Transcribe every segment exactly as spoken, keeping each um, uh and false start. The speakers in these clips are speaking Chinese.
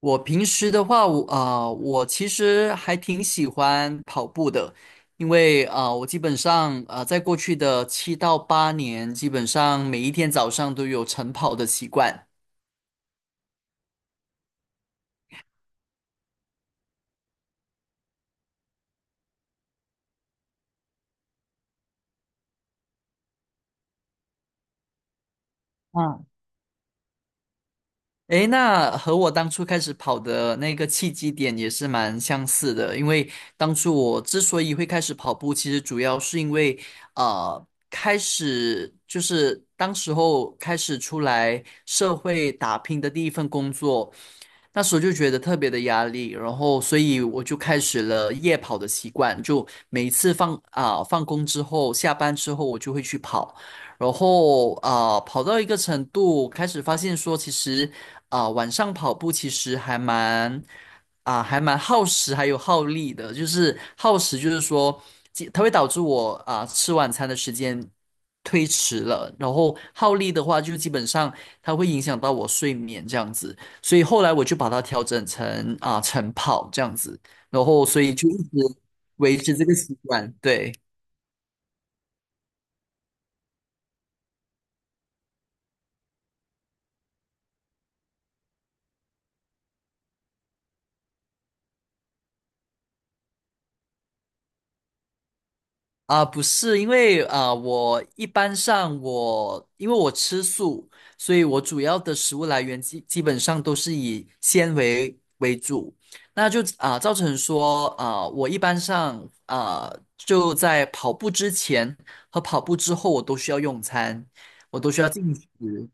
我平时的话，我啊、呃我其实还挺喜欢跑步的，因为啊、呃我基本上啊、呃在过去的七到八年，基本上每一天早上都有晨跑的习惯。嗯。诶，那和我当初开始跑的那个契机点也是蛮相似的，因为当初我之所以会开始跑步，其实主要是因为，呃，开始就是当时候开始出来社会打拼的第一份工作，那时候就觉得特别的压力，然后所以我就开始了夜跑的习惯，就每一次放啊、放工之后，下班之后我就会去跑。然后啊、呃跑到一个程度，开始发现说，其实啊、晚上跑步其实还蛮啊、还蛮耗时，还有耗力的。就是耗时，就是说即它会导致我啊、吃晚餐的时间推迟了，然后耗力的话，就基本上它会影响到我睡眠这样子。所以后来我就把它调整成啊、晨跑这样子，然后所以就一直维持这个习惯，对。啊，不是，因为啊，我一般上我因为我吃素，所以我主要的食物来源基基本上都是以纤维为主，那就啊造成说啊，我一般上啊就在跑步之前和跑步之后，我都需要用餐，我都需要进食。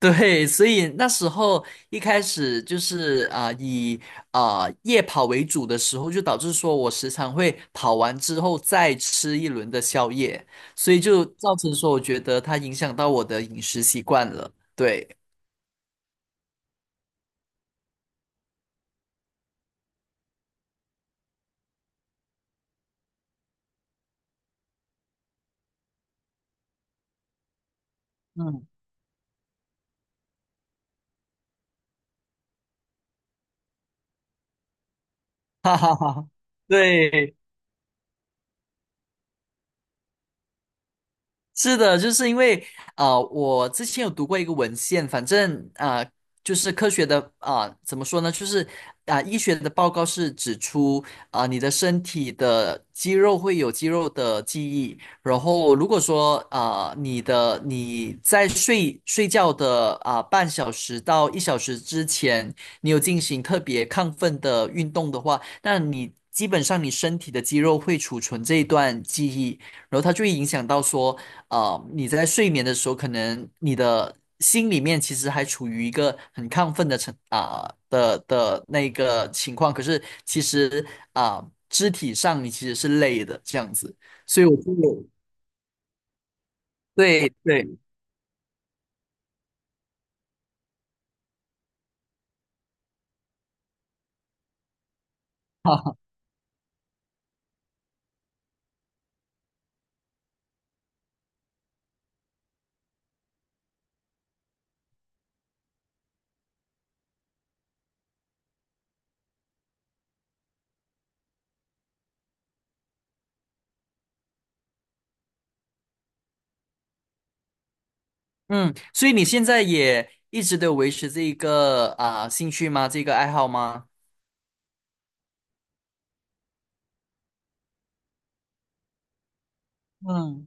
对，所以那时候一开始就是啊、呃以啊、呃夜跑为主的时候，就导致说我时常会跑完之后再吃一轮的宵夜，所以就造成说我觉得它影响到我的饮食习惯了。对，嗯，哈哈哈，对，是的，就是因为呃，我之前有读过一个文献，反正呃，就是科学的啊、呃怎么说呢？就是啊、呃医学的报告是指出啊、呃你的身体的肌肉会有肌肉的记忆，然后如果说啊、呃你的你在睡睡觉的啊、呃半小时到一小时之前，你有进行特别亢奋的运动的话，那你基本上你身体的肌肉会储存这一段记忆，然后它就会影响到说。啊，你在睡眠的时候，可能你的心里面其实还处于一个很亢奋的成啊、的的那个情况，可是其实啊、肢体上你其实是累的这样子，所以我就对对，哈，嗯，所以你现在也一直都有维持这一个啊、兴趣吗？这个爱好吗？嗯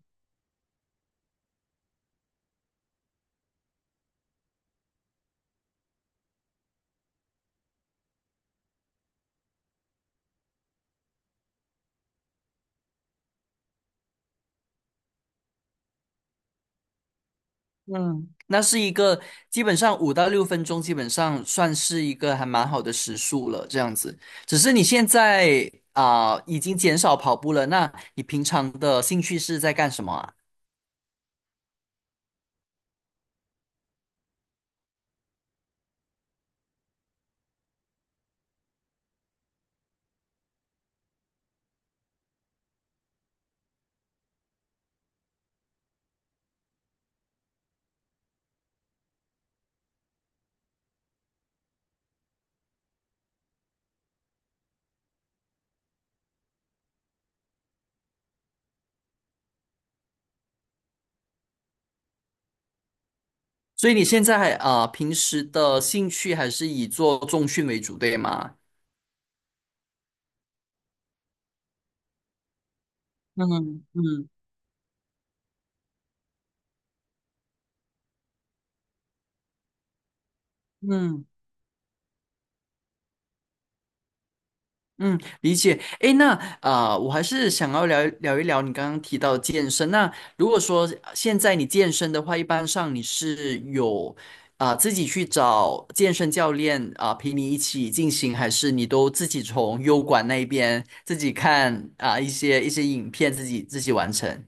嗯，那是一个基本上五到六分钟，基本上算是一个还蛮好的时速了，这样子。只是你现在啊、已经减少跑步了，那你平常的兴趣是在干什么啊？所以你现在还啊、平时的兴趣还是以做重训为主，对吗？嗯嗯嗯。嗯，理解。诶，那啊、呃我还是想要聊聊一聊你刚刚提到健身。那如果说呃现在你健身的话，一般上你是有啊、自己去找健身教练啊、陪你一起进行，还是你都自己从优管那边自己看啊、一些一些影片自己自己完成？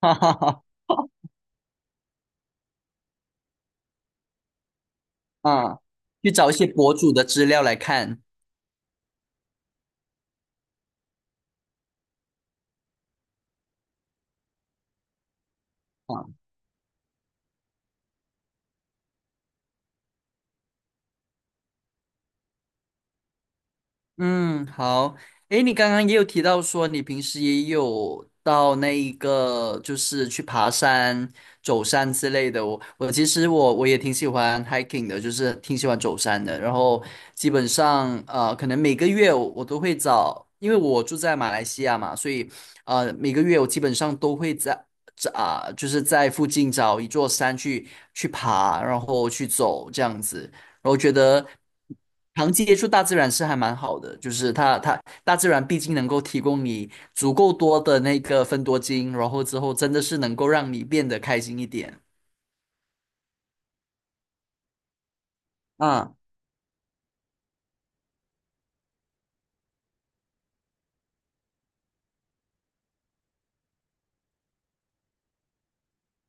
哈哈哈，啊，去找一些博主的资料来看。啊。嗯，好。诶，你刚刚也有提到说你平时也有到那一个，就是去爬山、走山之类的。我我其实我我也挺喜欢 hiking 的，就是挺喜欢走山的。然后基本上呃，可能每个月我，我都会找，因为我住在马来西亚嘛，所以呃每个月我基本上都会在在啊、就是在附近找一座山去去爬，然后去走这样子。我觉得长期接触大自然是还蛮好的，就是它它大自然毕竟能够提供你足够多的那个分多精，然后之后真的是能够让你变得开心一点。啊，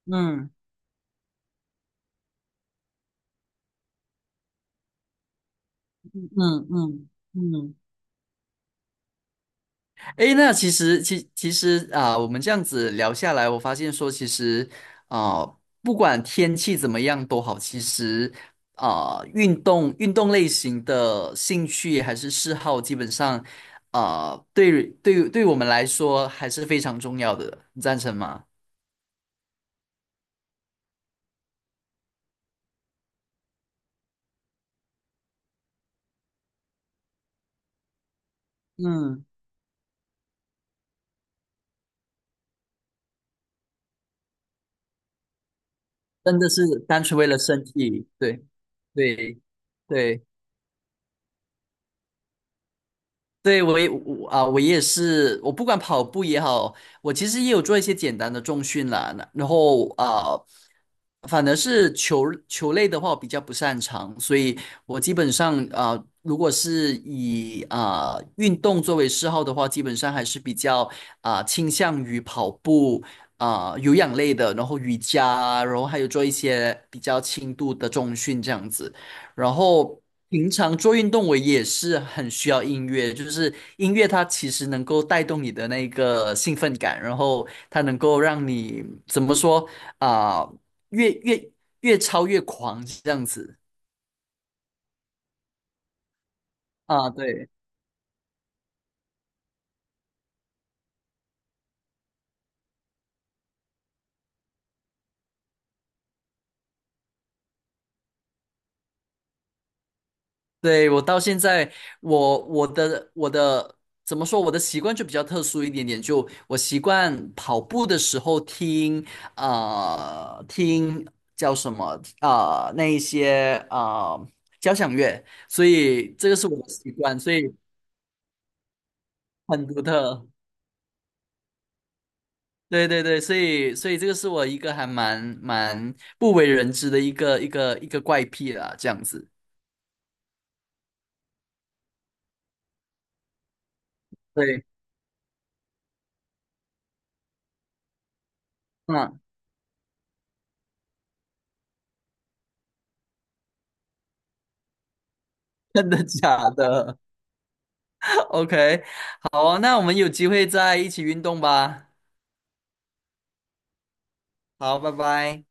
嗯嗯嗯。嗯诶，那其实，其其实啊，我们这样子聊下来，我发现说，其实啊，不管天气怎么样都好，其实啊，运动运动类型的兴趣还是嗜好，基本上啊，对对对我们来说还是非常重要的，你赞成吗？嗯，真的是单纯为了身体，对对对。对，我也我啊，我也是，我不管跑步也好，我其实也有做一些简单的重训啦。那然后啊，反而是球球类的话，我比较不擅长，所以我基本上啊，如果是以啊运动作为嗜好的话，基本上还是比较啊倾向于跑步啊有氧类的，然后瑜伽啊，然后还有做一些比较轻度的重训这样子。然后平常做运动，我也是很需要音乐，就是音乐它其实能够带动你的那个兴奋感，然后它能够让你怎么说啊、越越越超越狂这样子啊，对。对，我到现在，我我的我的怎么说？我的习惯就比较特殊一点点，就我习惯跑步的时候听呃听叫什么啊？那一些呃交响乐，所以这个是我的习惯，所以很独特。对对对，所以所以这个是我一个还蛮蛮不为人知的一个一个一个怪癖啦，这样子。对，嗯，真的假的？O K，好啊，那我们有机会再一起运动吧。好，拜拜。